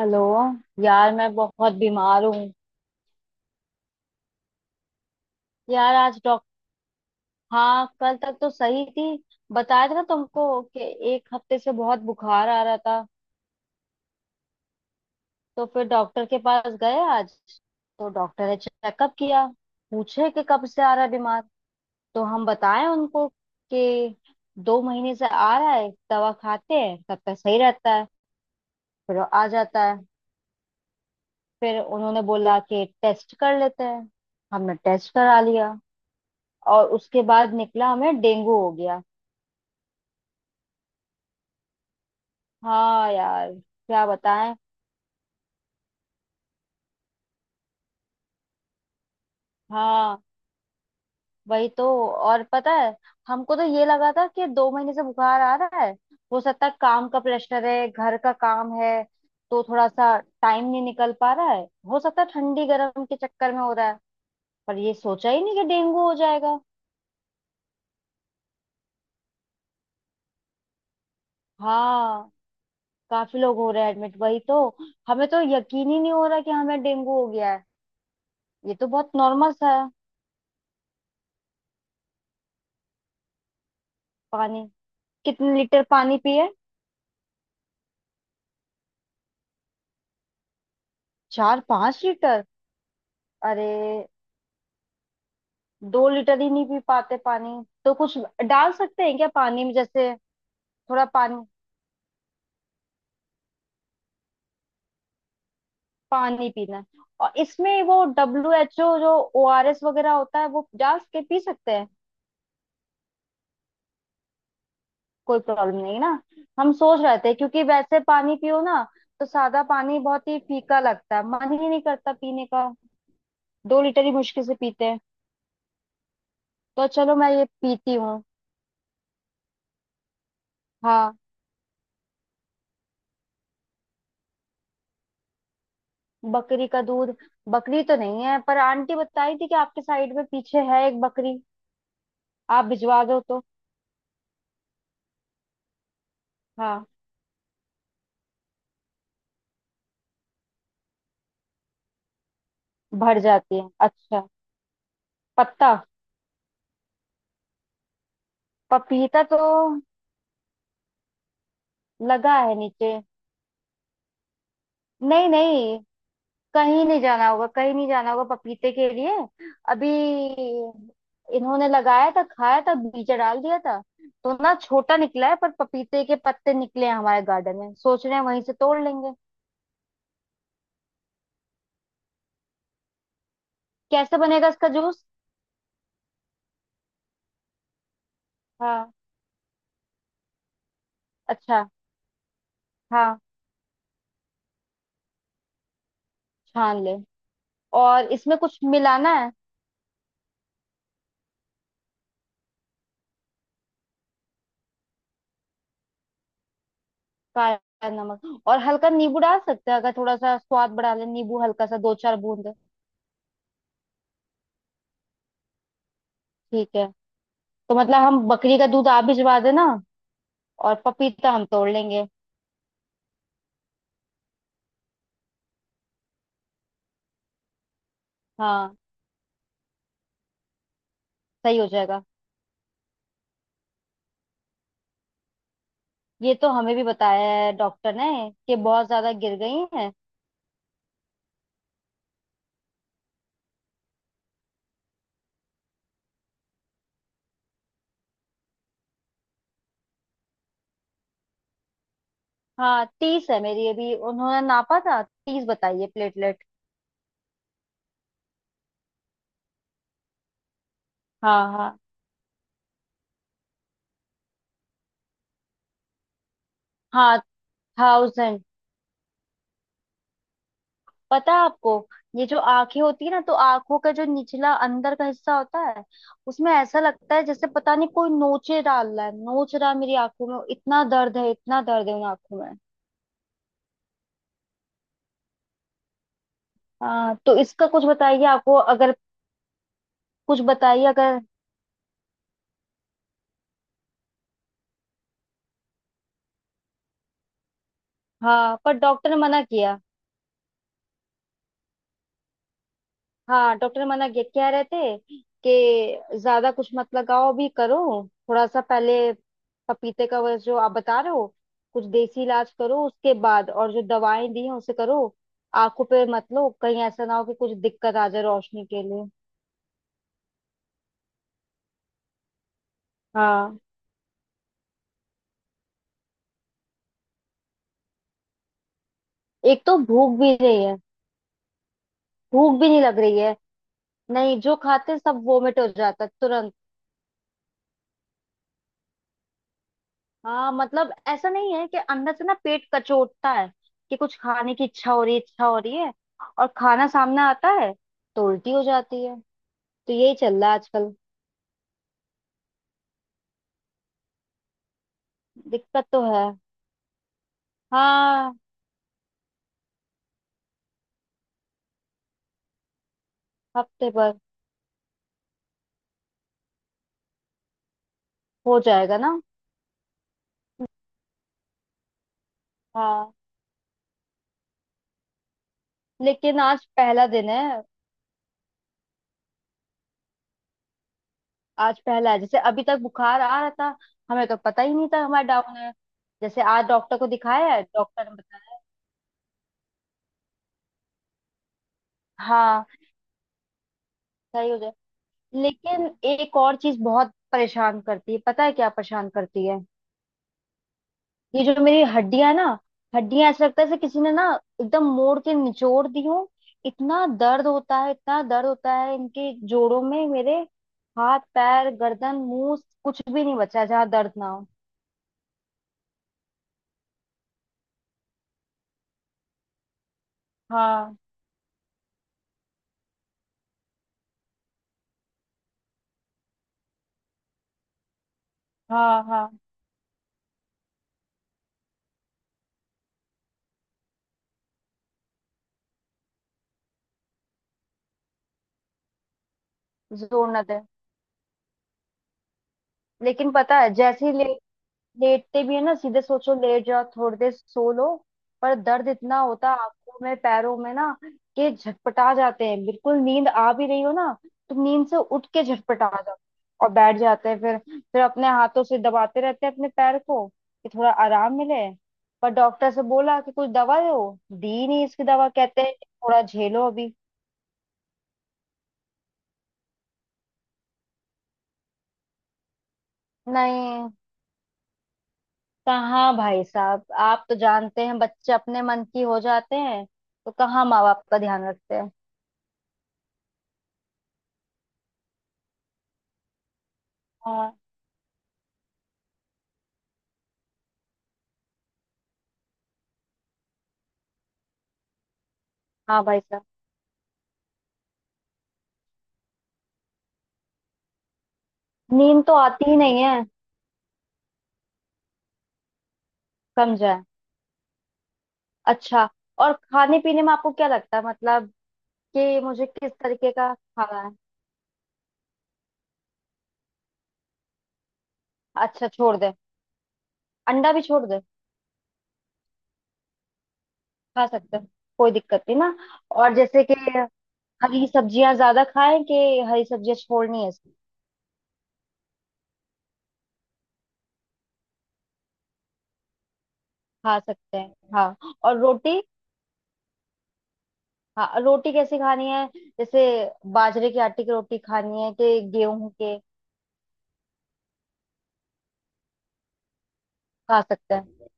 Hello. यार, मैं बहुत बीमार हूँ। यार, आज डॉक्टर। हाँ, कल तक तो सही थी। बताया था ना तुमको कि एक हफ्ते से बहुत बुखार आ रहा था। तो फिर डॉक्टर के पास गए आज। तो डॉक्टर ने चेकअप किया, पूछे कि कब से आ रहा है बीमार। तो हम बताएं उनको कि 2 महीने से आ रहा है, दवा खाते हैं तब तक सही रहता है, फिर वो आ जाता है। फिर उन्होंने बोला कि टेस्ट कर लेते हैं। हमने टेस्ट करा लिया, और उसके बाद निकला हमें डेंगू हो गया। हाँ यार, क्या बताएं। हाँ, वही तो। और पता है, हमको तो ये लगा था कि 2 महीने से बुखार आ रहा है, हो सकता है काम का प्रेशर है, घर का काम है, तो थोड़ा सा टाइम नहीं निकल पा रहा है। हो सकता है ठंडी गर्म के चक्कर में हो रहा है। पर ये सोचा ही नहीं कि डेंगू हो जाएगा। हाँ, काफी लोग हो रहे हैं एडमिट, वही तो। हमें तो यकीन ही नहीं हो रहा कि हमें डेंगू हो गया है। ये तो बहुत नॉर्मल सा है। पानी। कितने लीटर पानी पिए? 4-5 लीटर? अरे, 2 लीटर ही नहीं पी पाते पानी। तो कुछ डाल सकते हैं क्या पानी में, जैसे? थोड़ा पानी। पानी पीना है। और इसमें वो WHO जो ORS वगैरह होता है, वो डाल के पी सकते हैं? कोई प्रॉब्लम नहीं ना? हम सोच रहे थे क्योंकि वैसे पानी पियो ना, तो सादा पानी बहुत ही फीका लगता है, मन ही नहीं करता पीने का। 2 लीटर ही मुश्किल से पीते हैं। तो चलो, मैं ये पीती हूँ। हाँ। बकरी का दूध। बकरी तो नहीं है, पर आंटी बताई थी कि आपके साइड में पीछे है एक बकरी। आप भिजवा दो तो। हाँ। भर जाती है? अच्छा। पत्ता। पपीता तो लगा है नीचे। नहीं नहीं, कहीं नहीं जाना होगा, कहीं नहीं जाना होगा पपीते के लिए। अभी इन्होंने लगाया था, खाया था बीज डाल दिया था, तो ना छोटा निकला है, पर पपीते के पत्ते निकले हैं हमारे गार्डन में, सोच रहे हैं वहीं से तोड़ लेंगे। कैसे बनेगा इसका जूस? हाँ। अच्छा। हाँ। छान ले। और इसमें कुछ मिलाना है? काला नमक और हल्का नींबू डाल सकते हैं, अगर थोड़ा सा स्वाद बढ़ा ले, नींबू हल्का सा 2-4 बूंद। ठीक है। तो मतलब हम, बकरी का दूध आप भिजवा देना, और पपीता हम तोड़ लेंगे। हाँ। सही हो जाएगा। ये तो हमें भी बताया है डॉक्टर ने, कि बहुत ज्यादा गिर गई है। हाँ, 30 है मेरी, अभी उन्होंने नापा था, 30 बताइए प्लेटलेट। हाँ हाँ हाँ। थाउजेंड। पता है आपको, ये जो आंखें होती है ना, तो आंखों का जो निचला अंदर का हिस्सा होता है, उसमें ऐसा लगता है जैसे पता नहीं कोई नोचे डाल रहा है, नोच रहा है मेरी आंखों में, इतना दर्द है, इतना दर्द है उन आंखों में। हाँ, तो इसका कुछ बताइए आपको अगर। कुछ बताइए अगर। हाँ, पर डॉक्टर ने मना किया। हाँ, डॉक्टर मना किए, कह रहे थे कि ज्यादा कुछ मत लगाओ भी करो, थोड़ा सा पहले पपीते का वो जो आप बता रहे हो, कुछ देसी इलाज करो, उसके बाद और जो दवाएं दी हैं उसे करो। आंखों पे मत लो, कहीं ऐसा ना हो कि कुछ दिक्कत आ जाए रोशनी के लिए। हाँ। एक तो भूख भी नहीं है। भूख भी नहीं लग रही है। नहीं, जो खाते सब वोमिट हो जाता है तुरंत। हाँ, मतलब ऐसा नहीं है कि अंदर से ना पेट कचोटता है कि कुछ खाने की इच्छा हो रही है, इच्छा हो रही है, और खाना सामने आता है तो उल्टी हो जाती है। तो यही चल रहा है आजकल। दिक्कत तो है। हाँ। हफ्ते भर। हो जाएगा ना? हाँ। लेकिन आज पहला दिन है। आज पहला है, जैसे अभी तक बुखार आ रहा था हमें तो पता ही नहीं था हमारा डाउन है। जैसे आज डॉक्टर को दिखाया है, डॉक्टर ने बताया। हाँ, सही हो जाए। लेकिन एक और चीज बहुत परेशान करती है, पता है क्या परेशान करती है? ये जो मेरी हड्डियां है ना, हड्डियां, ऐसा लगता है जैसे किसी ने ना एकदम मोड़ के निचोड़ दी हो, इतना दर्द होता है, इतना दर्द होता है इनके जोड़ों में मेरे, हाथ पैर गर्दन मुंह, कुछ भी नहीं बचा है जहाँ दर्द ना हो। हाँ हाँ हाँ। जोर ना दे। लेकिन पता है जैसे ही ले, लेटते भी है ना, सीधे सोचो लेट जाओ थोड़ी देर सो लो, पर दर्द इतना होता है आंखों में, पैरों में ना, कि झटपटा जाते हैं, बिल्कुल नींद आ भी रही हो ना, तुम नींद से उठ के झटपटा जाओ। और बैठ जाते हैं फिर अपने हाथों से दबाते रहते हैं अपने पैर को कि थोड़ा आराम मिले। पर डॉक्टर से बोला कि कुछ दवा दो, दी नहीं इसकी दवा, कहते हैं कि थोड़ा झेलो अभी। नहीं। कहाँ भाई साहब, आप तो जानते हैं बच्चे अपने मन की हो जाते हैं, तो कहाँ माँ बाप का ध्यान रखते हैं। हाँ भाई साहब। नींद तो आती ही नहीं है। समझा है। अच्छा। और खाने पीने में आपको क्या लगता है, मतलब कि मुझे किस तरीके का खाना है? अच्छा, छोड़ दे। अंडा भी छोड़ दे? खा सकते हैं। कोई दिक्कत नहीं ना? और जैसे कि हरी सब्जियां ज्यादा खाएं कि हरी सब्जियां छोड़नी है? खा सकते हैं हाँ। और रोटी। हाँ, रोटी कैसी खानी है? जैसे बाजरे के आटे की रोटी खानी है कि गेहूं के? खा सकते हैं।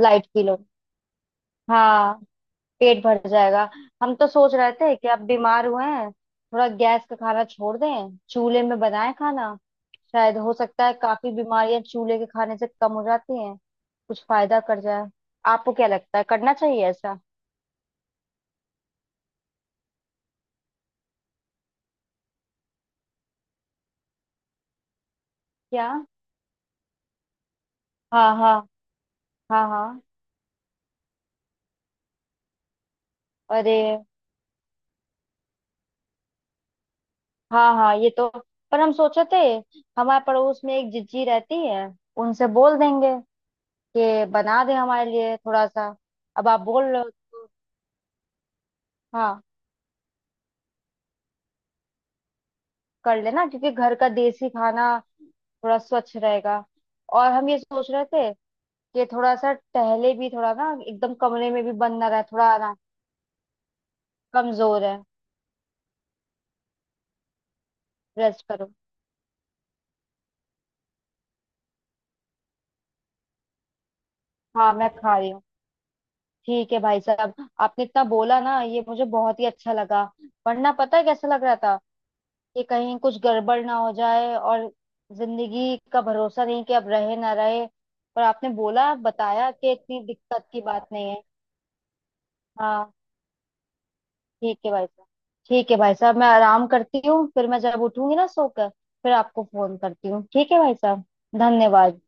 Light kilo. हाँ। पेट भर जाएगा। हम तो सोच रहे थे कि आप बीमार हुए हैं, थोड़ा गैस का खाना छोड़ दें, चूल्हे में बनाएं खाना, शायद हो सकता है काफी बीमारियां चूल्हे के खाने से कम हो जाती हैं, कुछ फायदा कर जाए। आपको क्या लगता है, करना चाहिए ऐसा? क्या? हाँ हाँ। हाँ हाँ। अरे। हाँ हाँ, ये तो। पर हम सोचे थे, हमारे पड़ोस में एक जिज्जी रहती है, उनसे बोल देंगे कि बना दे हमारे लिए थोड़ा सा। अब आप बोल रहे हो हाँ, कर लेना क्योंकि घर का देसी खाना थोड़ा स्वच्छ रहेगा। और हम ये सोच रहे थे कि थोड़ा सा टहले भी थोड़ा, ना एकदम कमरे में भी बंद ना रहे, थोड़ा ना। कमजोर है। रेस्ट करो। हाँ, मैं खा रही हूँ। ठीक है भाई साहब। आपने इतना बोला ना, ये मुझे बहुत ही अच्छा लगा। वरना पता है कैसा लग रहा था, कि कहीं कुछ गड़बड़ ना हो जाए, और जिंदगी का भरोसा नहीं कि अब रहे ना रहे, पर आपने बोला बताया कि इतनी दिक्कत की बात नहीं है। हाँ। ठीक है भाई साहब। ठीक है भाई साहब, मैं आराम करती हूँ, फिर मैं जब उठूंगी ना सोकर फिर आपको फोन करती हूँ। ठीक है भाई साहब। धन्यवाद।